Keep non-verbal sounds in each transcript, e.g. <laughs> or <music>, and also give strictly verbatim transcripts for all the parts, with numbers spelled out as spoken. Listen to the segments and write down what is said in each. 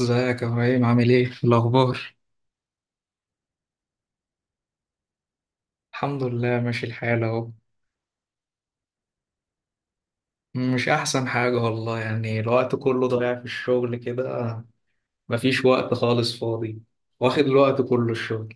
ازيك يا ابراهيم، عامل ايه الاخبار؟ الحمد لله ماشي الحال اهو. مش احسن حاجه والله، يعني الوقت كله ضايع في الشغل كده. مفيش وقت خالص فاضي. واخد الوقت كله الشغل.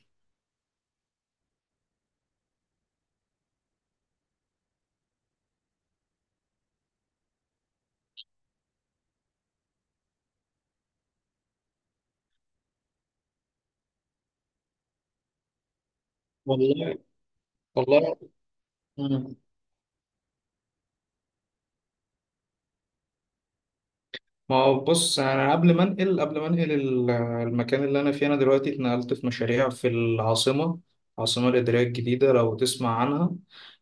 والله. والله. ما هو بص، انا قبل ما انقل قبل ما انقل ال- المكان اللي انا فيه، انا دلوقتي اتنقلت في مشاريع في العاصمه العاصمه الاداريه الجديده، لو تسمع عنها.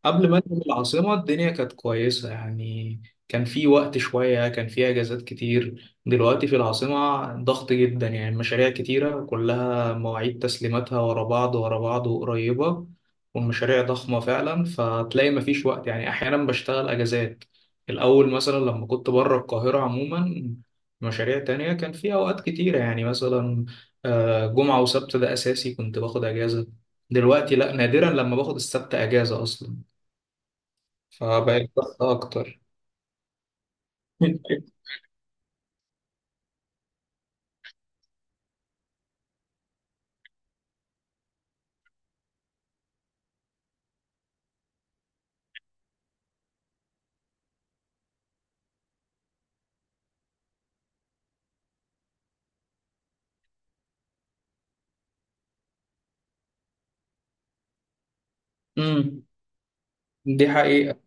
قبل ما انقل العاصمه، الدنيا كانت كويسه يعني. كان في وقت شويه، كان في اجازات كتير. دلوقتي في العاصمه ضغط جدا، يعني مشاريع كتيره كلها مواعيد تسليماتها ورا بعض ورا بعض وقريبه. والمشاريع ضخمه فعلا، فتلاقي مفيش وقت يعني، احيانا بشتغل اجازات. الأول مثلا لما كنت بره القاهرة عموما، مشاريع تانية كان في أوقات كتيرة يعني، مثلا آه، جمعة وسبت ده أساسي كنت باخد أجازة. دلوقتي لأ، نادرا لما باخد السبت أجازة أصلا. فبقيت ضغط أكتر. <laughs> امم دي حقيقة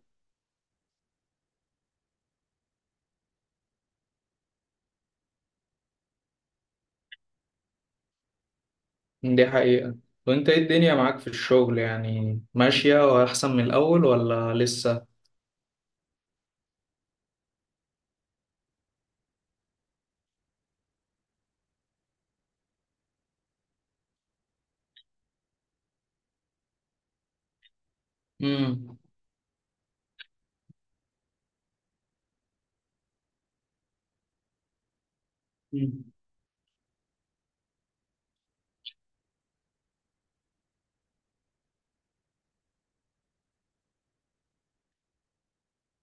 دي حقيقة. وأنت إيه الدنيا معاك في الشغل يعني، ماشية وأحسن من الأول ولا لسه؟ امم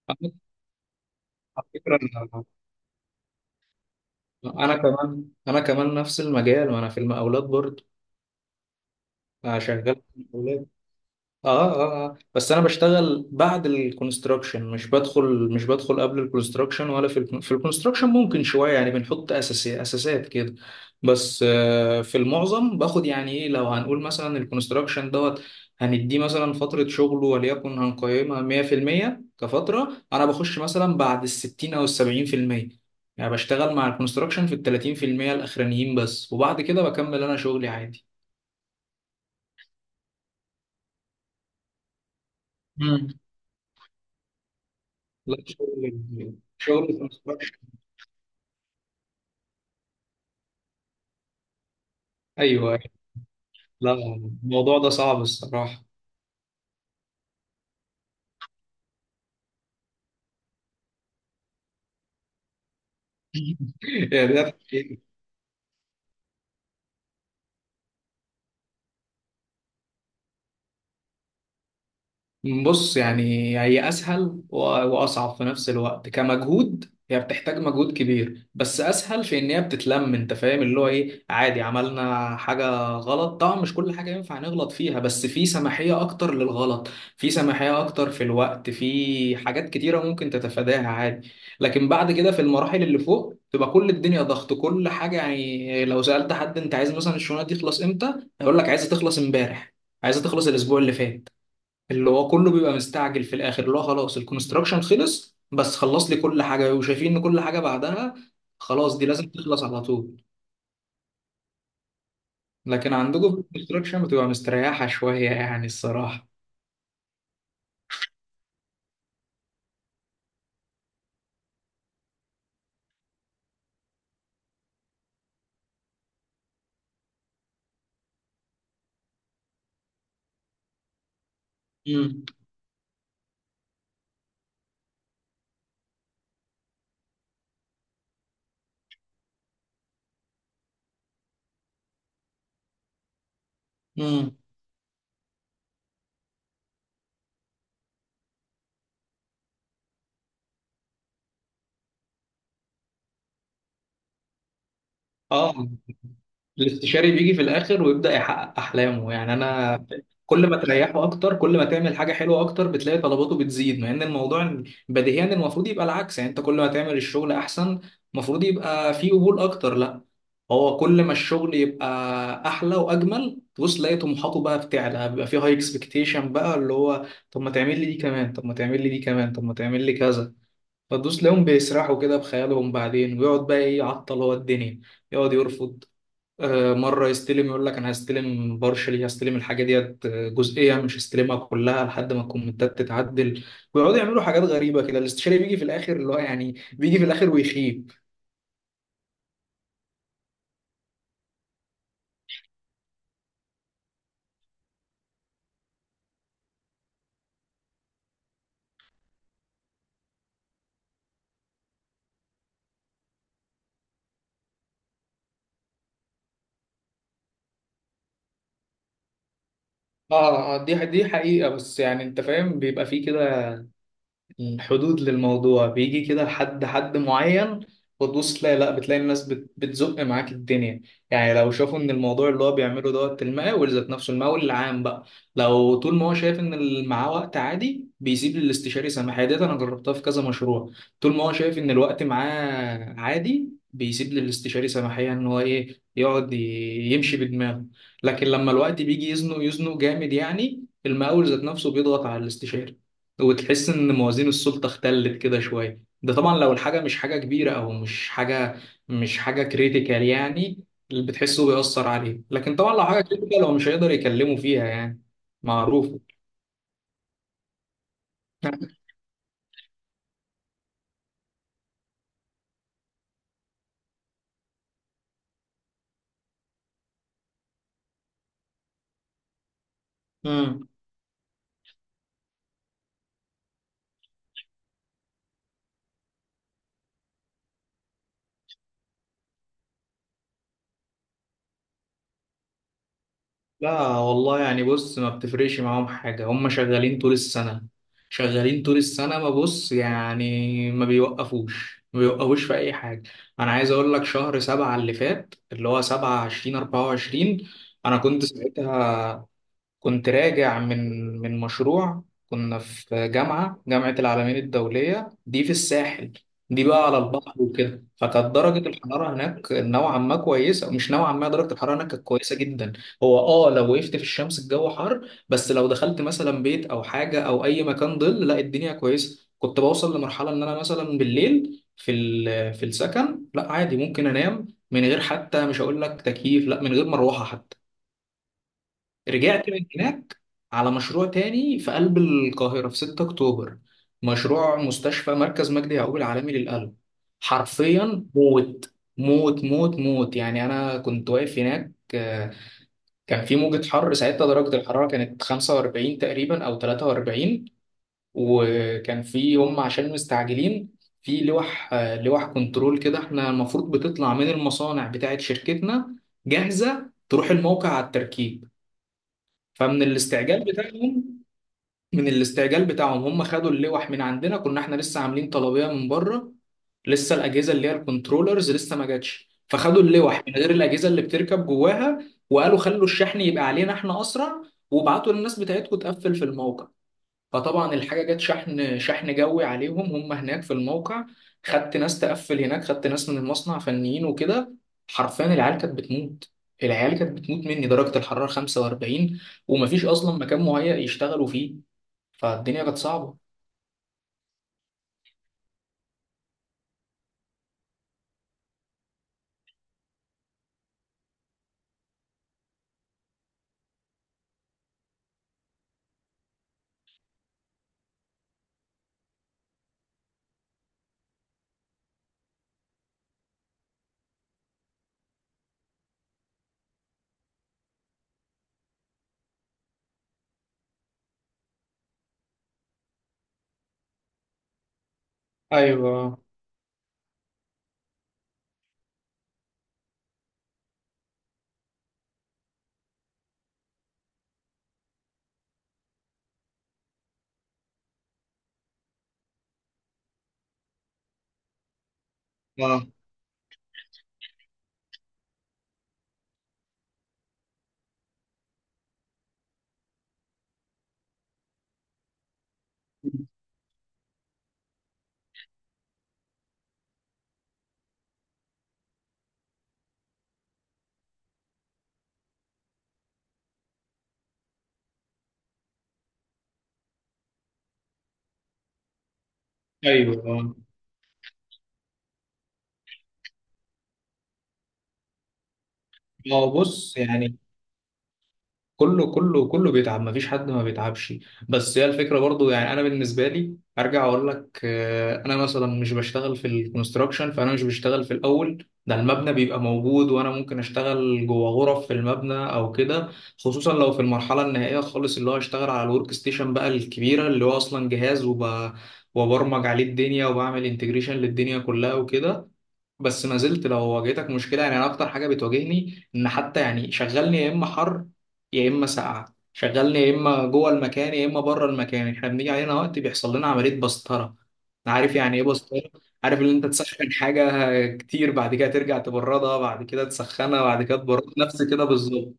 على فكرة، أنا أنا كمان أنا كمان نفس المجال، وأنا في المقاولات برضه شغال في المقاولات. اه اه اه بس انا بشتغل بعد الكونستراكشن، مش بدخل مش بدخل قبل الكونستراكشن، ولا في ال في الكونستراكشن ممكن شويه يعني بنحط اساسي اساسات كده. بس آه في المعظم باخد، يعني ايه، لو هنقول مثلا الكونستراكشن دوت هنديه مثلا فتره شغله وليكن هنقيمها مية في المية كفتره، انا بخش مثلا بعد ال ستين او ال سبعين في المية، يعني بشتغل مع الكونستراكشن في ال تلاتين في المية الاخرانيين بس، وبعد كده بكمل انا شغلي عادي. مم. لا. شغل. شغل. ايوه، أيوه. لا، الموضوع ده صعب الصراحه. <laughs> يعني ده، بص يعني، هي أسهل و- وأصعب في نفس الوقت كمجهود، هي بتحتاج مجهود كبير بس أسهل في إن هي بتتلم، أنت فاهم اللي هو إيه، عادي عملنا حاجة غلط، طبعا مش كل حاجة ينفع نغلط فيها، بس في سماحية أكتر للغلط. في سماحية أكتر في الوقت، في حاجات كتيرة ممكن تتفاداها عادي. لكن بعد كده في المراحل اللي فوق تبقى كل الدنيا ضغط، كل حاجة، يعني لو سألت حد أنت عايز مثلا الشغلانة دي تخلص إمتى، هيقول لك عايزة تخلص إمبارح، عايزة تخلص الأسبوع اللي فات، اللي هو كله بيبقى مستعجل في الاخر، اللي هو خلاص الكونستراكشن خلص، بس خلص لي كل حاجه، وشايفين ان كل حاجه بعدها خلاص دي لازم تخلص على طول. لكن عندكم في الكونستراكشن بتبقى مستريحه شويه يعني الصراحه. امم، امم، اه. الاستشاري بيجي في الاخر ويبدا يحقق احلامه، يعني انا كل ما تريحه اكتر، كل ما تعمل حاجه حلوه اكتر بتلاقي طلباته بتزيد، مع ان الموضوع بديهيا المفروض يبقى العكس، يعني انت كل ما تعمل الشغل احسن المفروض يبقى فيه قبول اكتر، لا، هو كل ما الشغل يبقى احلى واجمل تبص تلاقي طموحاته بقى بتعلى، بيبقى فيه هاي اكسبكتيشن بقى، اللي هو طب ما تعمل لي دي كمان، طب ما تعمل لي دي كمان، طب ما تعمل لي كذا، فتدوس تلاقيهم بيسرحوا كده بخيالهم بعدين، ويقعد بقى ايه يعطل هو الدنيا، يقعد يرفض. آه، مرة يستلم يقول لك أنا هستلم بارشلي، هستلم الحاجة ديت آه، جزئية، مش هستلمها كلها لحد ما الكومنتات تتعدل، ويقعدوا يعملوا حاجات غريبة كده. الاستشاري بيجي في الآخر، اللي هو يعني بيجي في الآخر ويخيب. اه، آه، دي دي حقيقة، بس يعني أنت فاهم بيبقى فيه كده حدود للموضوع، بيجي كده لحد حد معين. وتبص تلاقي لا بتلاقي الناس بت- بتزق معاك الدنيا. يعني لو شافوا ان الموضوع اللي هو بيعمله دوت المقاول ذات نفسه المقاول العام بقى، لو طول ما هو شايف ان اللي معاه وقت عادي بيسيب للاستشاري سماحية ديت، انا جربتها في كذا مشروع، طول ما هو شايف ان الوقت معاه عادي بيسيب للاستشاري سماحية ان هو ايه يقعد ي- يمشي بدماغه. لكن لما الوقت بيجي يزنق، يزنق جامد، يعني المقاول ذات نفسه بيضغط على الاستشاري، وتحس ان موازين السلطه اختلت كده شويه، ده طبعا لو الحاجه مش حاجه كبيره او مش حاجه مش حاجه كريتيكال يعني. اللي بتحسه بيأثر عليه، لكن طبعا لو حاجه كريتيكال هو مش هيقدر يكلمه فيها يعني. معروف. <laughs> امم لا والله، يعني بص ما بتفرقش معاهم حاجه، هم شغالين طول السنه، شغالين طول السنه، ما بص يعني ما بيوقفوش ما بيوقفوش في اي حاجه. انا عايز اقول لك شهر سبعة اللي فات اللي هو سبعة عشرين اربعة وعشرين. انا كنت ساعتها كنت راجع من من مشروع، كنا في جامعة جامعة العالمين الدولية دي في الساحل. دي بقى على اه البحر وكده، فكانت درجة الحرارة هناك نوعا ما كويسة، مش نوعا ما، درجة الحرارة هناك كانت كويسة جدا. هو اه لو وقفت في الشمس الجو حر، بس لو دخلت مثلا بيت أو حاجة أو أي مكان ظل لا الدنيا كويسة، كنت بوصل لمرحلة إن أنا مثلا بالليل في ال- في السكن لا عادي ممكن أنام من غير حتى مش هقول لك تكييف، لا من غير مروحة حتى. رجعت من هناك على مشروع تاني في قلب القاهرة في 6 أكتوبر، مشروع مستشفى مركز مجدي يعقوب العالمي للقلب. حرفيا موت. موت موت موت يعني. أنا كنت واقف هناك، آه، كان في موجة حر ساعتها درجة الحرارة كانت خمسة واربعين تقريبا أو تلاتة واربعين. وكان في هم عشان مستعجلين في لوح، آه، لوح كنترول كده، احنا المفروض بتطلع من المصانع بتاعت شركتنا جاهزة تروح الموقع على التركيب. فمن الاستعجال بتاعهم، من الاستعجال بتاعهم هم خدوا اللوح من عندنا، كنا احنا لسه عاملين طلبية من بره، لسه الأجهزة اللي هي الكنترولرز لسه ما جاتش، فخدوا اللوح من غير الأجهزة اللي بتركب جواها. وقالوا خلوا الشحن يبقى علينا احنا أسرع، وابعتوا للناس بتاعتكم تقفل في الموقع. فطبعا الحاجة جت شحن، شحن جوي عليهم هم هناك في الموقع، خدت ناس تقفل هناك، خدت ناس من المصنع فنيين وكده. حرفيا العيال كانت بتموت، العيال كانت بتموت مني درجة الحرارة خمسة واربعين. ومفيش أصلا مكان مهيأ يشتغلوا فيه، فالدنيا كانت صعبة. ايوه، اه، ايوه، اه. آه، بص يعني، كله كله كله بيتعب، مفيش حد ما بيتعبش. بس هي الفكره برضو يعني، انا بالنسبه لي ارجع اقول لك، آه، انا مثلا مش بشتغل في الكونستراكشن، فانا مش بشتغل في الاول ده، المبنى بيبقى موجود وانا ممكن اشتغل جوه غرف في المبنى او كده. خصوصا لو في المرحله النهائيه خالص، اللي هو اشتغل على الورك ستيشن بقى الكبيره اللي هو اصلا جهاز، وب... وبرمج عليه الدنيا وبعمل انتجريشن للدنيا كلها وكده. بس ما زلت لو واجهتك مشكله، يعني انا اكتر حاجه بتواجهني ان حتى يعني شغلني يا اما حر يا اما ساقعه، شغلني يا اما جوه المكان يا اما بره المكان، احنا بنيجي علينا وقت بيحصل لنا عمليه بسطره. عارف يعني ايه بسطره؟ عارف ان انت تسخن حاجه كتير بعد كده ترجع تبردها بعد كده تسخنها بعد كده تبردها، نفس كده بالظبط.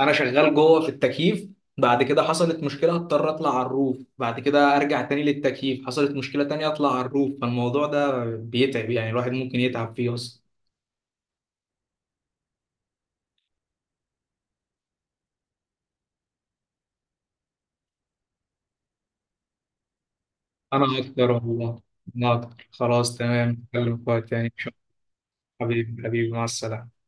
انا شغال جوه في التكييف، بعد كده حصلت مشكله اضطر اطلع على الروف، بعد كده ارجع تاني للتكييف، حصلت مشكله تانية اطلع على الروف، فالموضوع ده بيتعب يعني، الواحد ممكن يتعب فيه اصلا. انا اكتر والله، انا اكتر خلاص تمام نتكلم في وقت تاني. حبيبي حبيبي، مع السلامه.